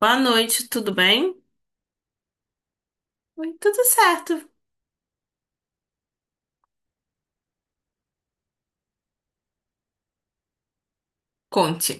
Boa noite, tudo bem? Oi, tudo certo. Conte.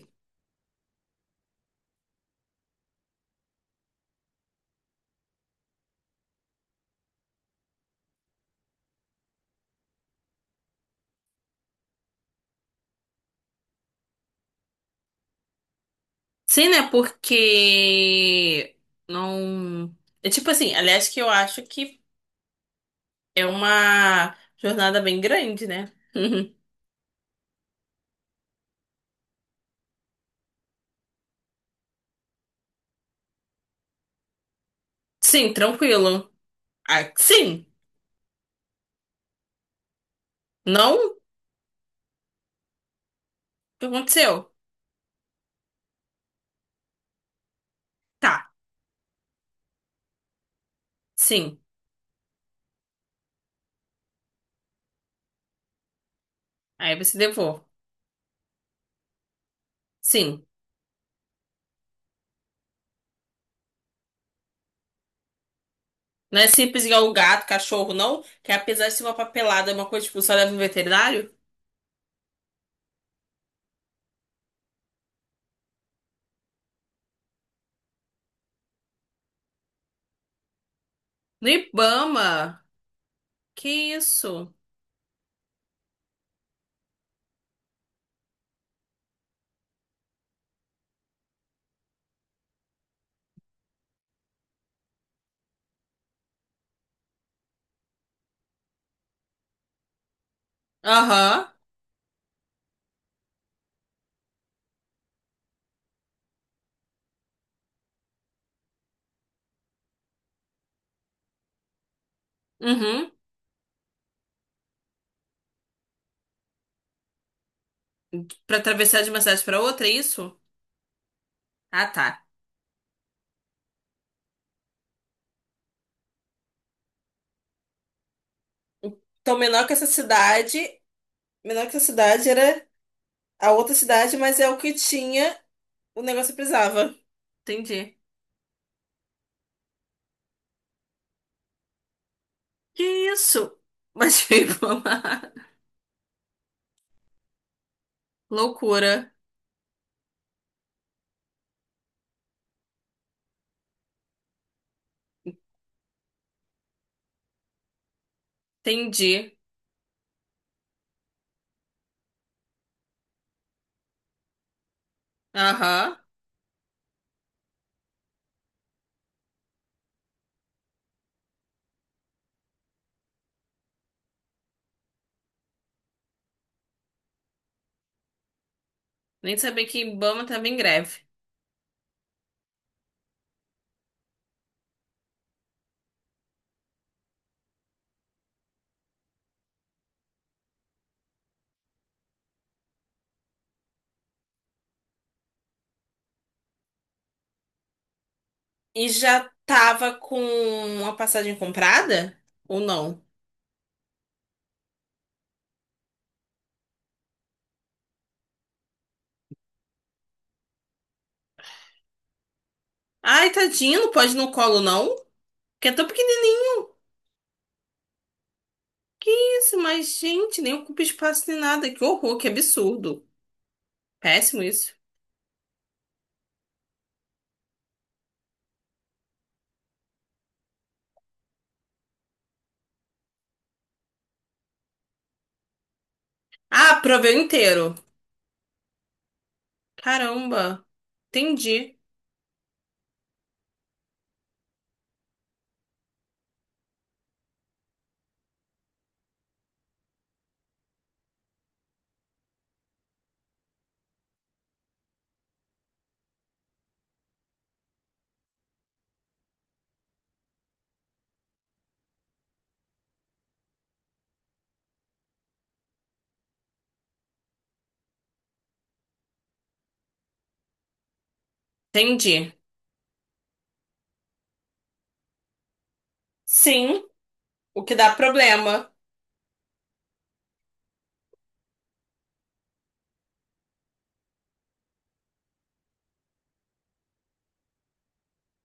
Sim, né? Porque não. É tipo assim, aliás, que eu acho que é uma jornada bem grande, né? Sim, tranquilo. Ah, sim. Não? O que aconteceu? Tá, sim. Aí você levou. Sim. Não é simples igual o gato, cachorro, não? Que apesar de ser uma papelada, é uma coisa tipo, só leva no veterinário? No Ibama. Que isso? Aham. Uhum. Pra atravessar de uma cidade pra outra, é isso? Ah, tá. Então, menor que essa cidade, menor que essa cidade era a outra cidade, mas é o que tinha, o negócio precisava. Entendi. Que isso? Mas veio Ibama. Loucura. Entendi. Aham. Nem sabia que Ibama tava em greve. E já tava com uma passagem comprada? Ou não? Ai, tadinho, não pode ir no colo, não? Que é tão pequenininho. Que isso? Mas, gente, nem ocupa espaço nem nada. Que horror, que absurdo. Péssimo isso. Ah, proveu inteiro. Caramba. Entendi. Entendi. Sim, o que dá problema.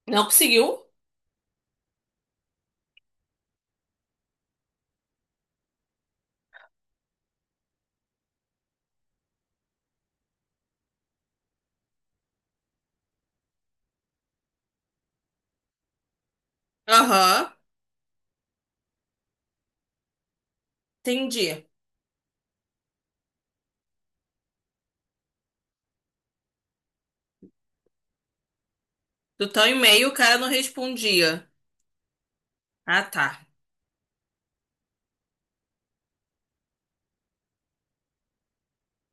Não conseguiu? Aham, entendi. Do tal e-mail o cara não respondia. Ah, tá.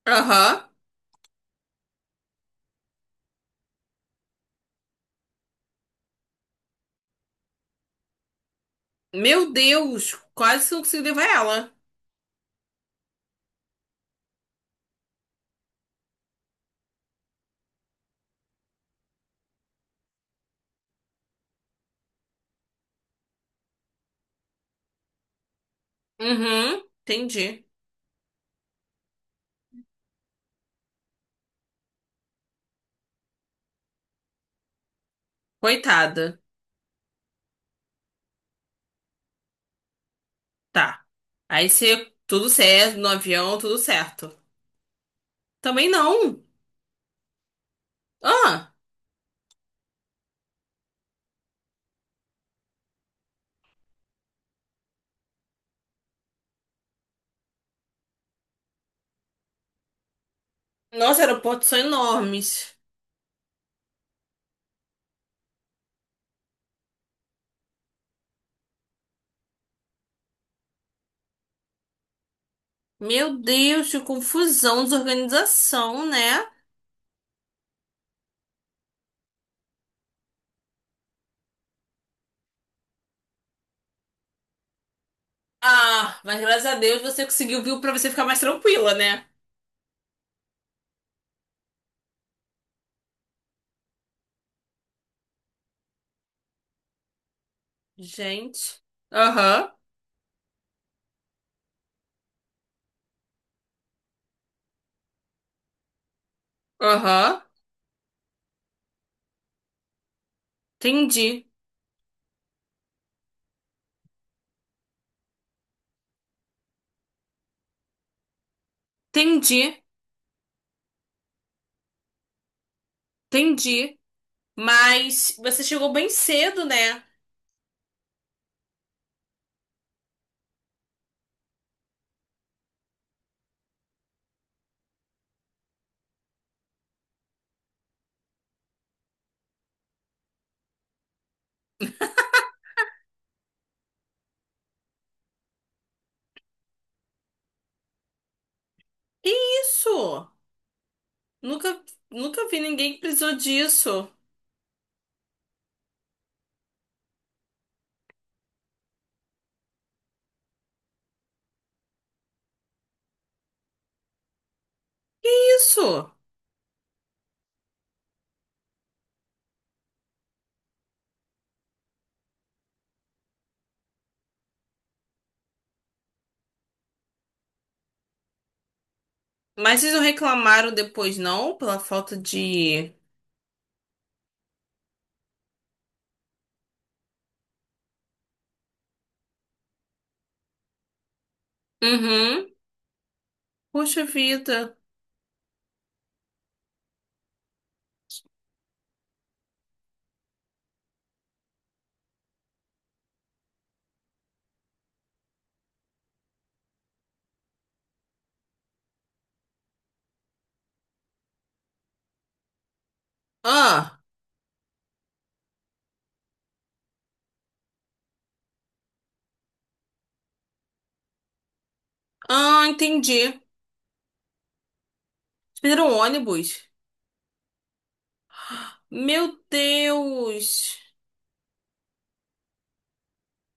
Aham. Meu Deus, quase não consegui levar ela. Uhum, entendi. Coitada. Tá. Aí você, tudo certo, no avião, tudo certo. Também não. Ah, nossa, aeroportos são enormes. Meu Deus, que confusão, desorganização, né? Ah, mas graças a Deus você conseguiu viu pra você ficar mais tranquila, né? Gente. Aham, aham. Entendi, entendi, entendi. Mas você chegou bem cedo, né? Que isso? Nunca, nunca vi ninguém que precisou disso. Isso. Mas vocês não reclamaram depois, não? Pela falta de. Uhum. Poxa vida. Ah, ah, entendi. Vocês perderam o ônibus. Meu Deus!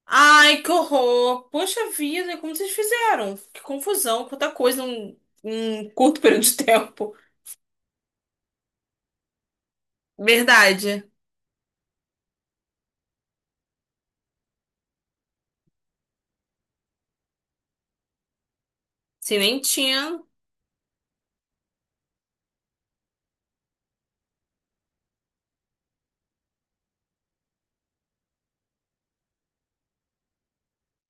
Ai, que horror! Poxa vida, como vocês fizeram? Que confusão, quanta coisa em um curto período de tempo. Verdade. Se nem tinha.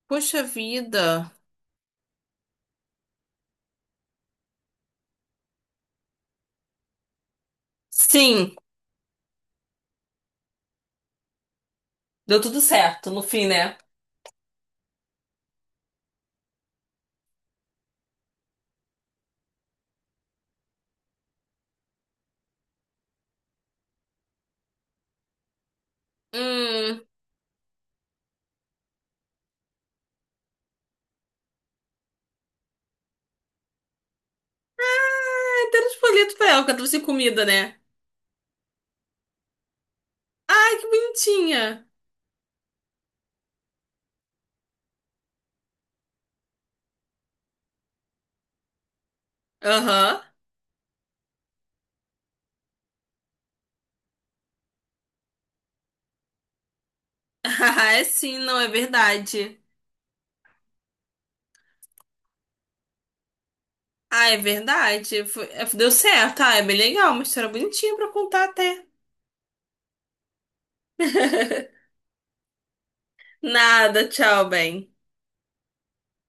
Poxa vida. Sim, deu tudo certo no fim, né? Hum. Ah, deram os folhetos pra ela, que ela trouxe comida, né? Ai, que bonitinha. Aham. Ah, é sim, não, é verdade. Ah, é verdade. Foi- é, deu certo. Ah, é bem legal. Uma história bonitinha pra contar até. Nada, tchau, bem.